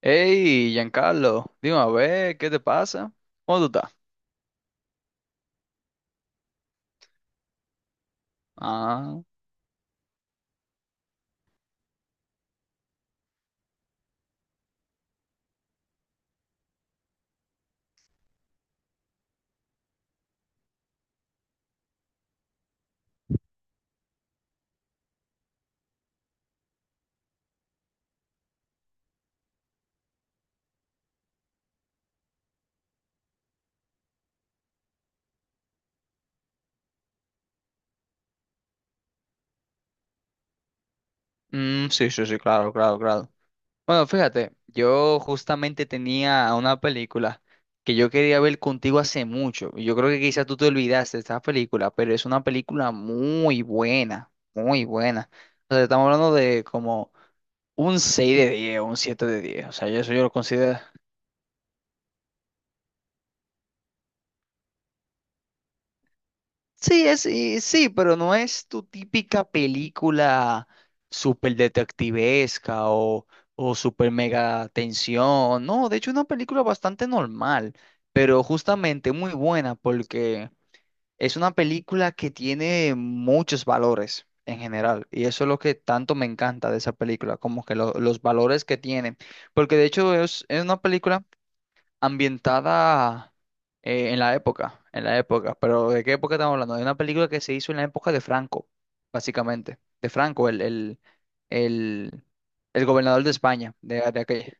Hey, Giancarlo, dime a ver, ¿qué te pasa? ¿Cómo tú estás? Ah, mm, sí, sí, sí, claro, claro, claro. Bueno, fíjate, yo justamente tenía una película que yo quería ver contigo hace mucho, y yo creo que quizás tú te olvidaste de esta película, pero es una película muy buena, muy buena. O sea, estamos hablando de como un 6 de 10, un 7 de 10. O sea, yo eso yo lo considero. Sí, es, y sí, pero no es tu típica película súper detectivesca o súper mega tensión. No, de hecho, es una película bastante normal, pero justamente muy buena porque es una película que tiene muchos valores en general. Y eso es lo que tanto me encanta de esa película, como que los valores que tiene. Porque de hecho, es una película ambientada en la época, Pero ¿de qué época estamos hablando? De una película que se hizo en la época de Franco, básicamente. De Franco, el, el gobernador de España, de aquella.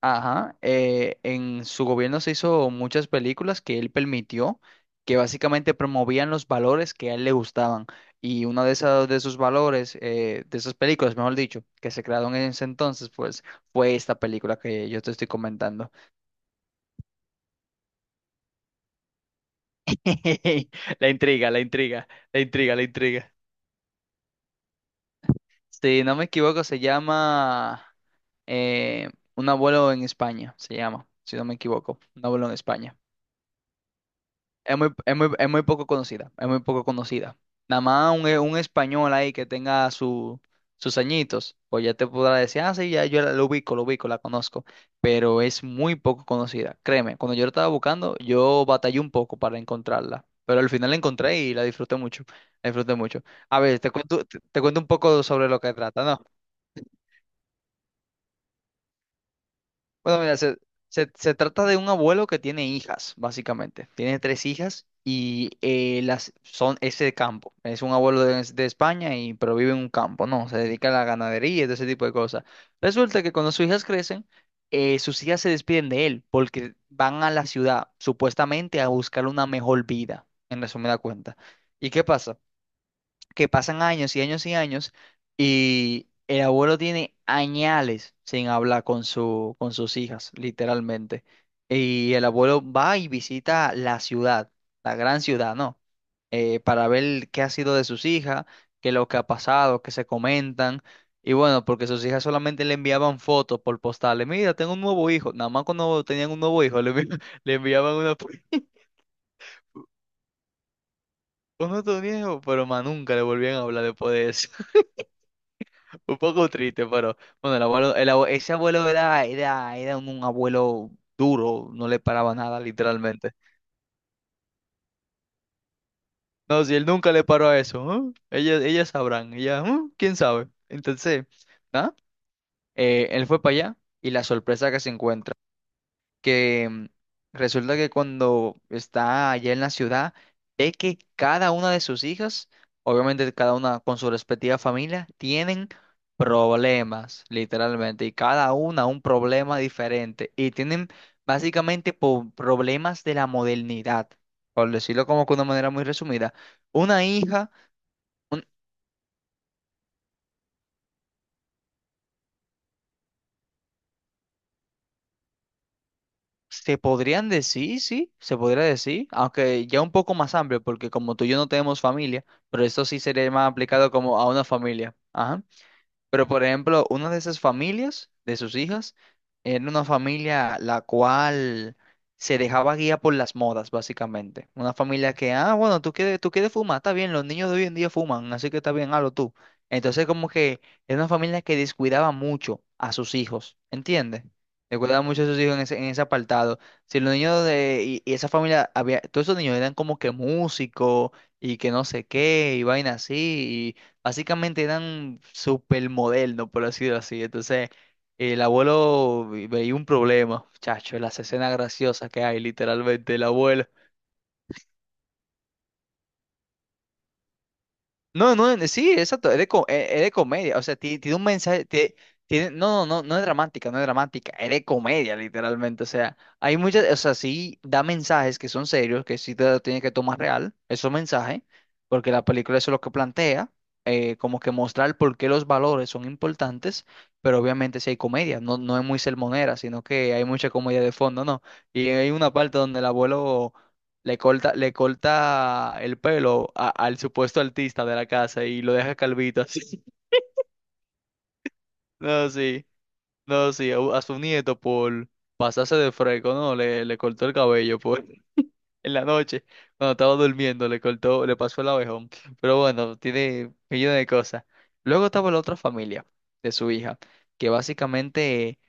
Ajá. En su gobierno se hizo muchas películas que él permitió, que básicamente promovían los valores que a él le gustaban. Y uno de esos, valores, de esas películas, mejor dicho, que se crearon en ese entonces, pues fue esta película que yo te estoy comentando. La intriga, la intriga, la intriga, la intriga. Si no me equivoco, se llama eh, Un abuelo en España, se llama, si no me equivoco, Un abuelo en España. Es muy, es muy, es muy poco conocida, es muy poco conocida. Nada más un español ahí que tenga su, sus añitos, pues ya te podrá decir, ah, sí, ya yo la, lo ubico, la conozco, pero es muy poco conocida. Créeme, cuando yo la estaba buscando, yo batallé un poco para encontrarla, pero al final la encontré y la disfruté mucho, la disfruté mucho. A ver, te cuento, te cuento un poco sobre lo que trata, ¿no? Bueno, mira, se trata de un abuelo que tiene hijas, básicamente. Tiene tres hijas y las son ese campo. Es un abuelo de España y pero vive en un campo, ¿no? Se dedica a la ganadería y todo ese tipo de cosas. Resulta que cuando sus hijas crecen, sus hijas se despiden de él porque van a la ciudad, supuestamente a buscar una mejor vida, en resumida cuenta. ¿Y qué pasa? Que pasan años y años y años y el abuelo tiene añales sin hablar con su, con sus hijas, literalmente. Y el abuelo va y visita la ciudad, la gran ciudad, ¿no? Para ver qué ha sido de sus hijas, qué lo que ha pasado, qué se comentan. Y bueno, porque sus hijas solamente le enviaban fotos por postales. Mira, tengo un nuevo hijo. Nada más cuando tenían un nuevo hijo, le enviaban una foto. "Con otro viejo", pero más nunca le volvían a hablar después de eso. Un poco triste, pero bueno, el abuelo, ese abuelo era un abuelo duro, no le paraba nada, literalmente. No, si él nunca le paró a eso, ¿eh? Ellas sabrán, ellas, ¿eh? ¿Quién sabe? Entonces, ¿no? Él fue para allá y la sorpresa que se encuentra. Que resulta que cuando está allá en la ciudad, ve que cada una de sus hijas, obviamente cada una con su respectiva familia, tienen problemas, literalmente, y cada una un problema diferente, y tienen básicamente problemas de la modernidad, por decirlo como que de una manera muy resumida. Una hija... Se podrían decir, sí, se podría decir, aunque ya un poco más amplio, porque como tú y yo no tenemos familia, pero eso sí sería más aplicado como a una familia. Ajá. Pero, por ejemplo, una de esas familias, de sus hijas, era una familia la cual se dejaba guía por las modas, básicamente. Una familia que, ah, bueno, tú quieres, fumar, está bien, los niños de hoy en día fuman, así que está bien, hazlo tú. Entonces, como que era una familia que descuidaba mucho a sus hijos, ¿entiendes? Descuidaba mucho a sus hijos en ese, apartado. Si los niños de, y esa familia, había, todos esos niños eran como que músicos y que no sé qué, y vaina así, básicamente eran supermodernos, por decirlo así. Entonces, el abuelo veía un problema, chacho, las escenas graciosas que hay, literalmente, el abuelo. No, no, no, sí, exacto, es de, es de comedia, o sea, tiene, un mensaje, tiene, no, no, no, no es dramática, no es dramática, es de comedia, literalmente, o sea, hay muchas, o sea, sí da mensajes que son serios, que sí te lo tienes que tomar real, esos mensajes, porque la película eso es lo que plantea, como que mostrar por qué los valores son importantes, pero obviamente sí hay comedia, no, no es muy sermonera, sino que hay mucha comedia de fondo, ¿no? Y hay una parte donde el abuelo le corta el pelo al supuesto artista de la casa y lo deja calvito así. No, sí, no, sí, a su nieto por pasarse de fresco, no, le cortó el cabello por, en la noche, cuando estaba durmiendo, le cortó, le pasó el abejón. Pero bueno, tiene millones de cosas. Luego estaba la otra familia de su hija, que básicamente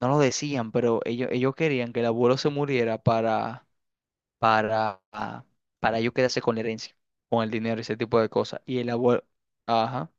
no lo decían, pero ellos querían que el abuelo se muriera para para yo quedarse con la herencia, con el dinero ese tipo de cosas. Y el abuelo, ajá,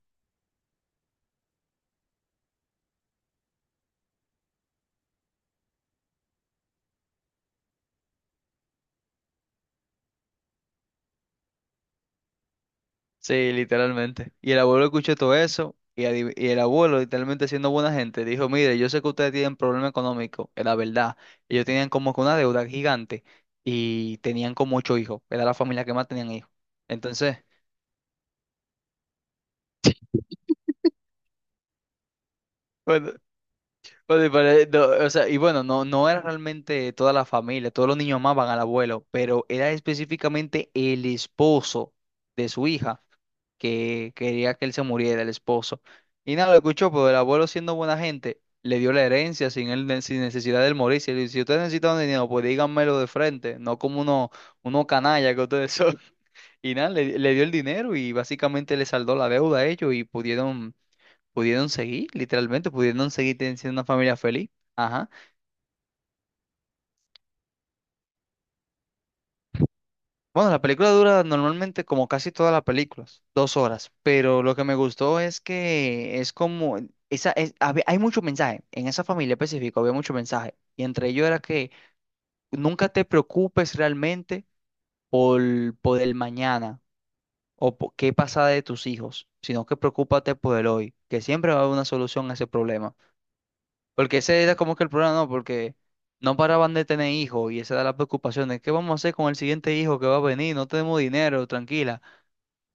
sí, literalmente. Y el abuelo escuchó todo eso y el abuelo, literalmente siendo buena gente, dijo, mire, yo sé que ustedes tienen problema económico, es la verdad. Ellos tenían como que una deuda gigante y tenían como ocho hijos, era la familia que más tenían hijos. Entonces... Oye, pero, no, o sea, y bueno, no, no era realmente toda la familia, todos los niños amaban al abuelo, pero era específicamente el esposo de su hija que quería que él se muriera, el esposo. Y nada, lo escuchó, pero el abuelo siendo buena gente, le dio la herencia sin él, sin necesidad de él morirse. Y le dijo, si ustedes necesitan dinero, pues díganmelo de frente, no como uno, uno canalla que ustedes son. Y nada, le dio el dinero y básicamente le saldó la deuda a ellos y pudieron seguir, literalmente, pudieron seguir siendo una familia feliz. Ajá. Bueno, la película dura normalmente como casi todas las películas, 2 horas, pero lo que me gustó es que es como, hay mucho mensaje, en esa familia específica había mucho mensaje, y entre ellos era que nunca te preocupes realmente por, el mañana o por qué pasa de tus hijos, sino que preocúpate por el hoy, que siempre va a haber una solución a ese problema. Porque ese era como que el problema, ¿no? Porque no paraban de tener hijos y esa era la preocupación de qué vamos a hacer con el siguiente hijo que va a venir, no tenemos dinero, tranquila,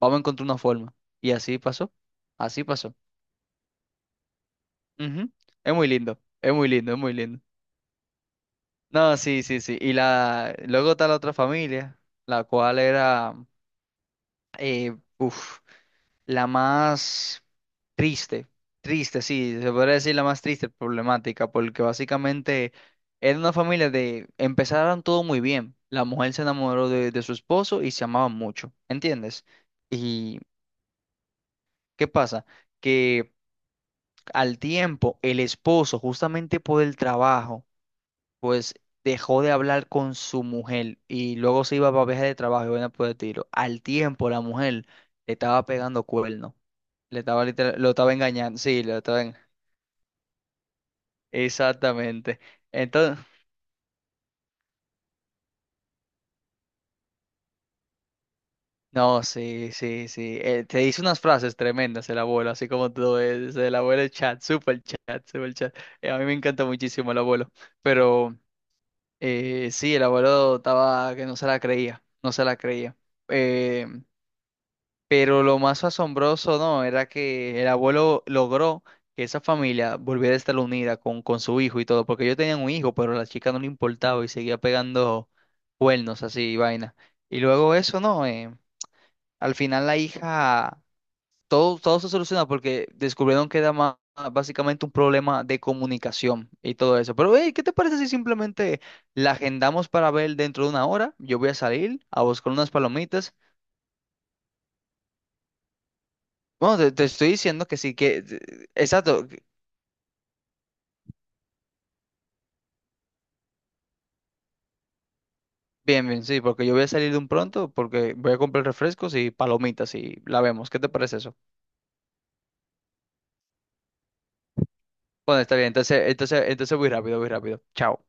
vamos a encontrar una forma. Y así pasó, así pasó. Ujú. Es muy lindo, es muy lindo, es muy lindo. No, sí, sí, sí. Y la, luego está la otra familia, la cual era, eh, uf, la más triste, triste, sí, se podría decir la más triste problemática, porque básicamente era una familia de, empezaron todo muy bien. La mujer se enamoró de, su esposo y se amaban mucho, ¿entiendes? ¿Y qué pasa? Que al tiempo el esposo, justamente por el trabajo, pues dejó de hablar con su mujer y luego se iba para viaje de trabajo y bueno, por el tiro. Al tiempo la mujer le estaba pegando cuernos. Lo estaba engañando, sí, Exactamente. Entonces, no, sí, sí, sí. Te dice unas frases tremendas el abuelo, así como tú, es el abuelo el chat, super chat, super chat. A mí me encanta muchísimo el abuelo, pero sí, el abuelo estaba que no se la creía, no se la creía. Eh, Pero lo más asombroso, ¿no? Era que el abuelo logró que esa familia volviera a estar unida con, su hijo y todo, porque ellos tenían un hijo, pero a la chica no le importaba y seguía pegando cuernos así y vaina. Y luego eso, ¿no? Al final la hija, todo se solucionó porque descubrieron que era más, básicamente un problema de comunicación y todo eso. Pero, hey, ¿qué te parece si simplemente la agendamos para ver dentro de 1 hora? Yo voy a salir a buscar unas palomitas. Bueno, te estoy diciendo que sí, que... Exacto, bien, bien, sí, porque yo voy a salir de un pronto, porque voy a comprar refrescos y palomitas y la vemos. ¿Qué te parece eso? Bueno, está bien, entonces voy rápido, voy rápido. Chao.